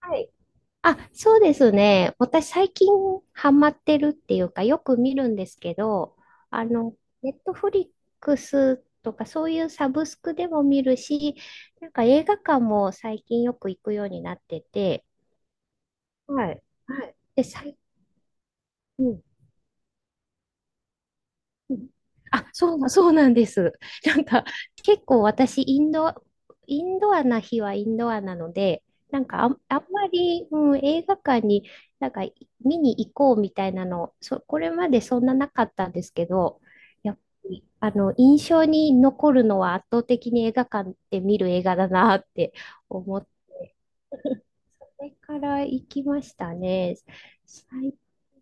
はい。あ、そうですね。私最近ハマってるっていうか、よく見るんですけど、あの、ネットフリックスとかそういうサブスクでも見るし、なんか映画館も最近よく行くようになってて、はい。はい。で、うん、うん、あ、そうなんです。なんか、結構私、インドアな日はインドアなので、なんか、あんまり、映画館に、なんか、見に行こうみたいなの、これまでそんななかったんですけど、やっぱり、あの、印象に残るのは圧倒的に映画館で見る映画だなって思って、それから行きましたね。最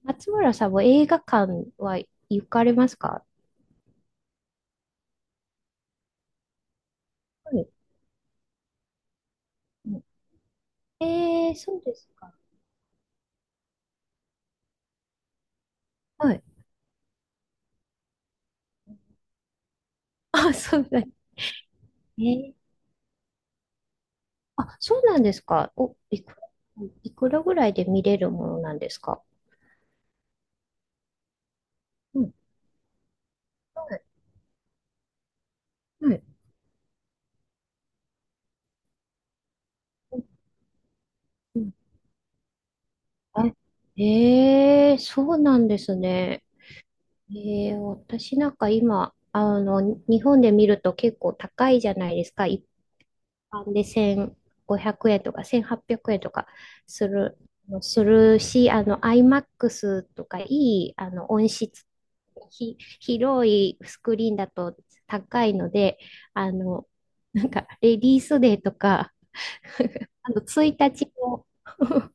松村さんも映画館は行かれますか？はい。ええ、そうですか。はい。あ、そうだ。ええ、あ、そうなんですか。お、いくらぐらいで見れるものなんですか？うん。はい。はい。うん、あ、ええ、そうなんですね。ええ、私なんか今、あの、日本で見ると結構高いじゃないですか。で、1500円とか1800円とかする、するし、あの、IMAX とかいい、あの、音質、広いスクリーンだと高いので、あの、なんか、レディースデーとか、あの、1日の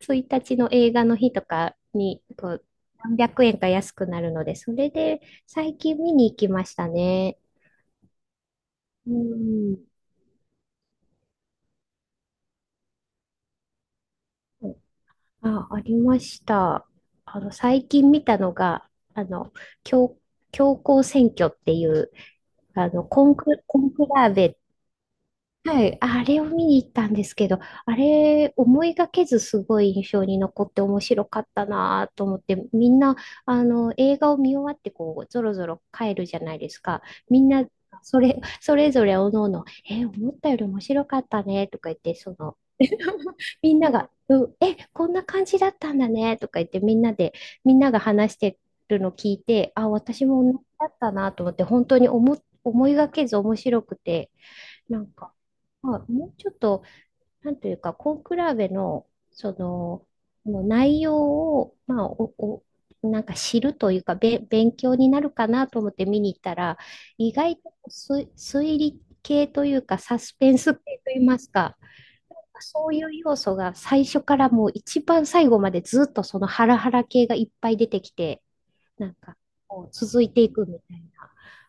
1日の映画の日とかに、こう、何百円か安くなるので、それで最近見に行きましたね。うん。あ、ありました。あの、最近見たのが、あの、教、教皇選挙っていう、あの、コンクラーベっ、はい、あれを見に行ったんですけど、あれ思いがけずすごい印象に残って面白かったなと思って、みんなあの映画を見終わってこうぞろぞろ帰るじゃないですか。みんなそれぞれおのおの、思ったより面白かったねとか言って、その みんなが、うん、こんな感じだったんだねとか言ってみんなで、みんなが話してるの聞いて、あ、私も同じだったなと思って、本当に思いがけず面白くて。なんか、まあ、もうちょっと、なんというか、根比べの、その、もう内容を、まあ、なんか知るというか、勉強になるかなと思って見に行ったら、意外と推理系というか、サスペンス系といいますか、そういう要素が最初からもう一番最後までずっとそのハラハラ系がいっぱい出てきて、なんか、こう続いていくみたい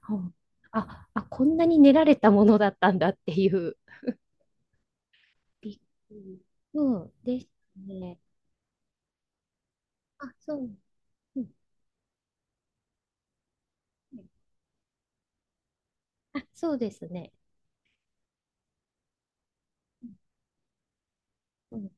な。うん、あ、こんなに練られたものだったんだっていう。びっくり。ですね。あ、そう。うん、あ、そうですね。うん、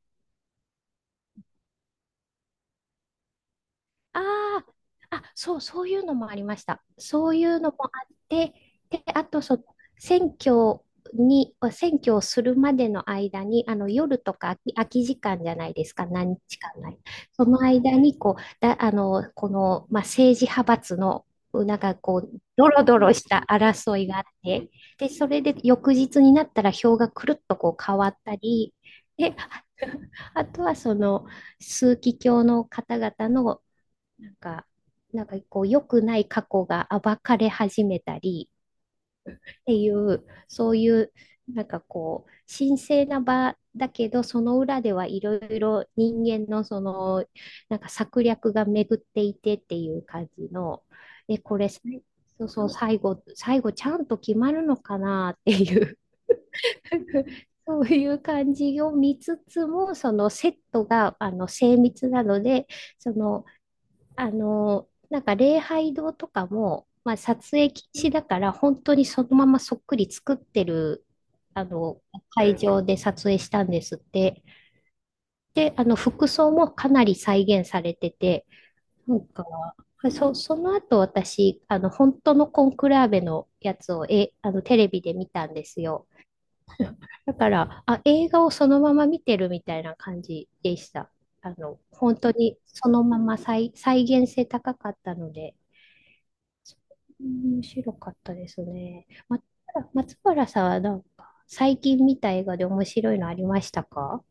ああ、そういうのもありました。そういうのもあって、で、あとその選挙選挙をするまでの間に、あの夜とか空き時間じゃないですか、何日間ない。その間にこう、だ、あの、この、まあ、政治派閥の、なんかこう、ドロドロした争いがあって、で、それで翌日になったら票がくるっとこう変わったり、で、あとはその、枢機卿の方々のなんか、なんかこう、良くない過去が暴かれ始めたりっていう、そういう、なんかこう、神聖な場だけど、その裏ではいろいろ人間のその、なんか策略が巡っていてっていう感じの、え、これ、そうそう、最後ちゃんと決まるのかなっていう そういう感じを見つつも、そのセットがあの精密なので、そのなんか礼拝堂とかも、まあ、撮影禁止だから、本当にそのままそっくり作ってる、あの、会場で撮影したんですって。で、あの、服装もかなり再現されてて、なんか、その後私、あの、本当のコンクラーベのやつを、あの、テレビで見たんですよ。だから、あ、映画をそのまま見てるみたいな感じでした。あの、本当にそのまま再現性高かったので。うん、面白かったですね。松原さんはなんか最近見た映画で面白いのありましたか？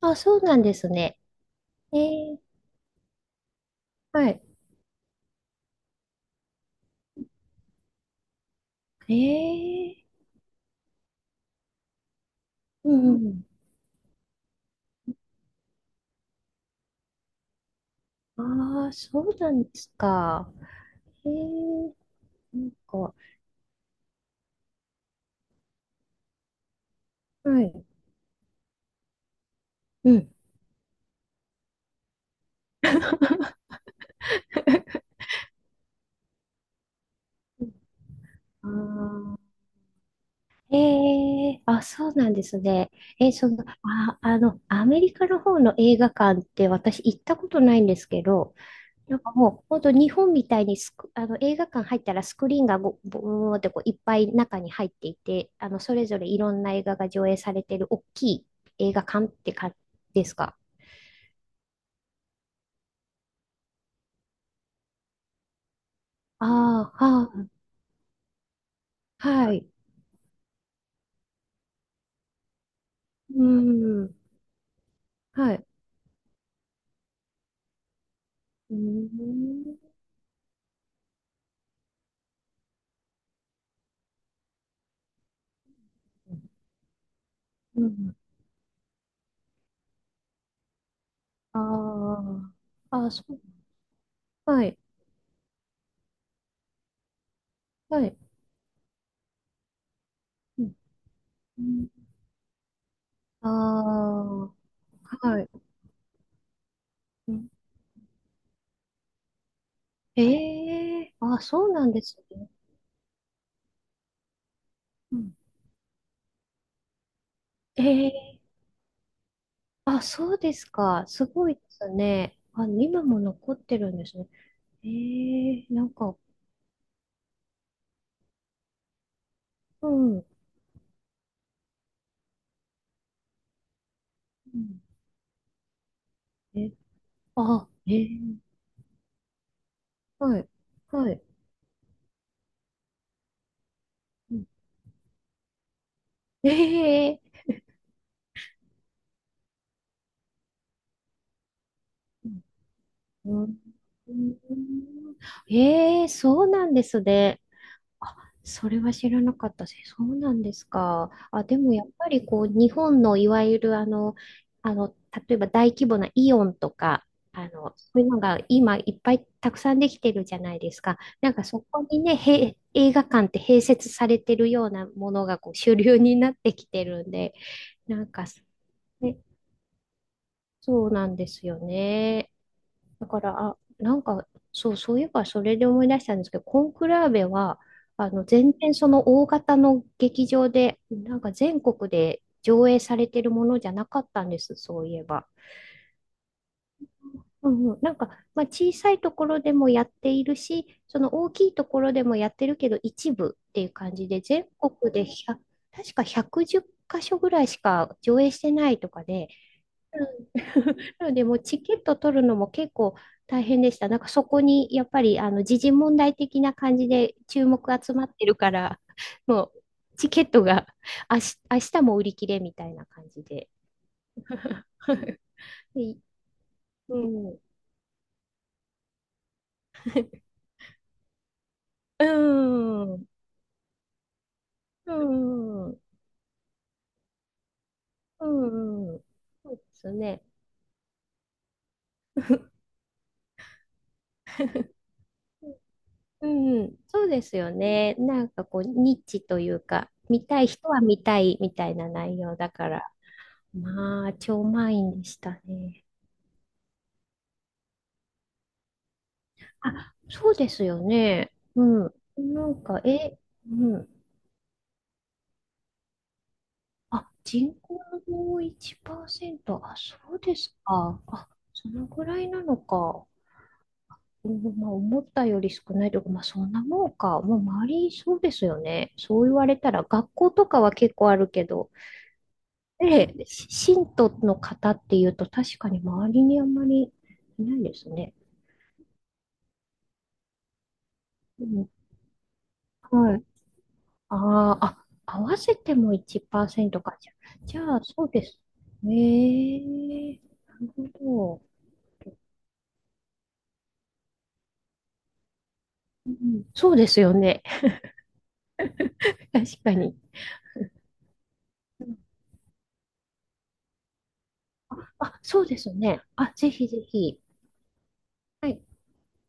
あ、そうなんですね。えー、はい。えうん、うん。ああ、そうなんですか。えー、なんか、はい。うん。あー、えあ、そうなんですね。その、あの、アメリカの方の映画館って私行ったことないんですけど、なんかもう、本当日本みたいにあの映画館入ったらスクリーンがぼぼーってこういっぱい中に入っていて、あのそれぞれいろんな映画が上映されてる大きい映画館って感じですか？ああ、はあ、はい。うん、はい。うん、うん、ああ、ああ、はい、はい。うん、うん、ああ、はい。うん、ええ、ああ、そうなんですね。うん、ええ、あ、そうですか。すごいですね。あ、今も残ってるんですね。なんか、うん。うん、え、あ、えー、はい、はい。うん、えー、うん、うん、そうなんですね。あ、それは知らなかったです。そうなんですか。あ、でもやっぱりこう、日本のいわゆるあの、例えば大規模なイオンとか、あの、そういうのが今いっぱいたくさんできてるじゃないですか。なんかそこにね、映画館って併設されてるようなものがこう主流になってきてるんで、なんか、ね、そうなんですよね。だから、あ、なんか、そういえばそれで思い出したんですけど、コンクラーベは、あの、全然その大型の劇場で、なんか全国で上映されてるものじゃなかったんです、そういえば。うん、うん、なんか、まあ、小さいところでもやっているし、その大きいところでもやってるけど、一部っていう感じで、全国で1確か110箇所ぐらいしか上映してないとかで、うん、 なので、もうチケット取るのも結構大変でした。なんかそこにやっぱりあの時事問題的な感じで注目集まってるから、もうチケットが明日も売り切れみたいな感じで。で、うん、うん、うん、うん、うん、そうですね。うん、そうですよね。なんかこう、ニッチというか、見たい人は見たいみたいな内容だから。まあ、超満員でしたね。あ、そうですよね。うん。なんか、うん。あ、人口の1%。あ、そうですか。あ、そのぐらいなのか。うん、まあ、思ったより少ないとか、まあ、そんなもんか。もう周り、そうですよね。そう言われたら、学校とかは結構あるけど、で、信徒の方っていうと、確かに周りにあんまりいないですね。うん。はい、ああ、あ、合わせても1%か。じゃあ、じゃあそうです。ええ、なるほど。うん、そうですよね。確かに。うん、あ、そうですね。あ、ぜひぜひ。はい。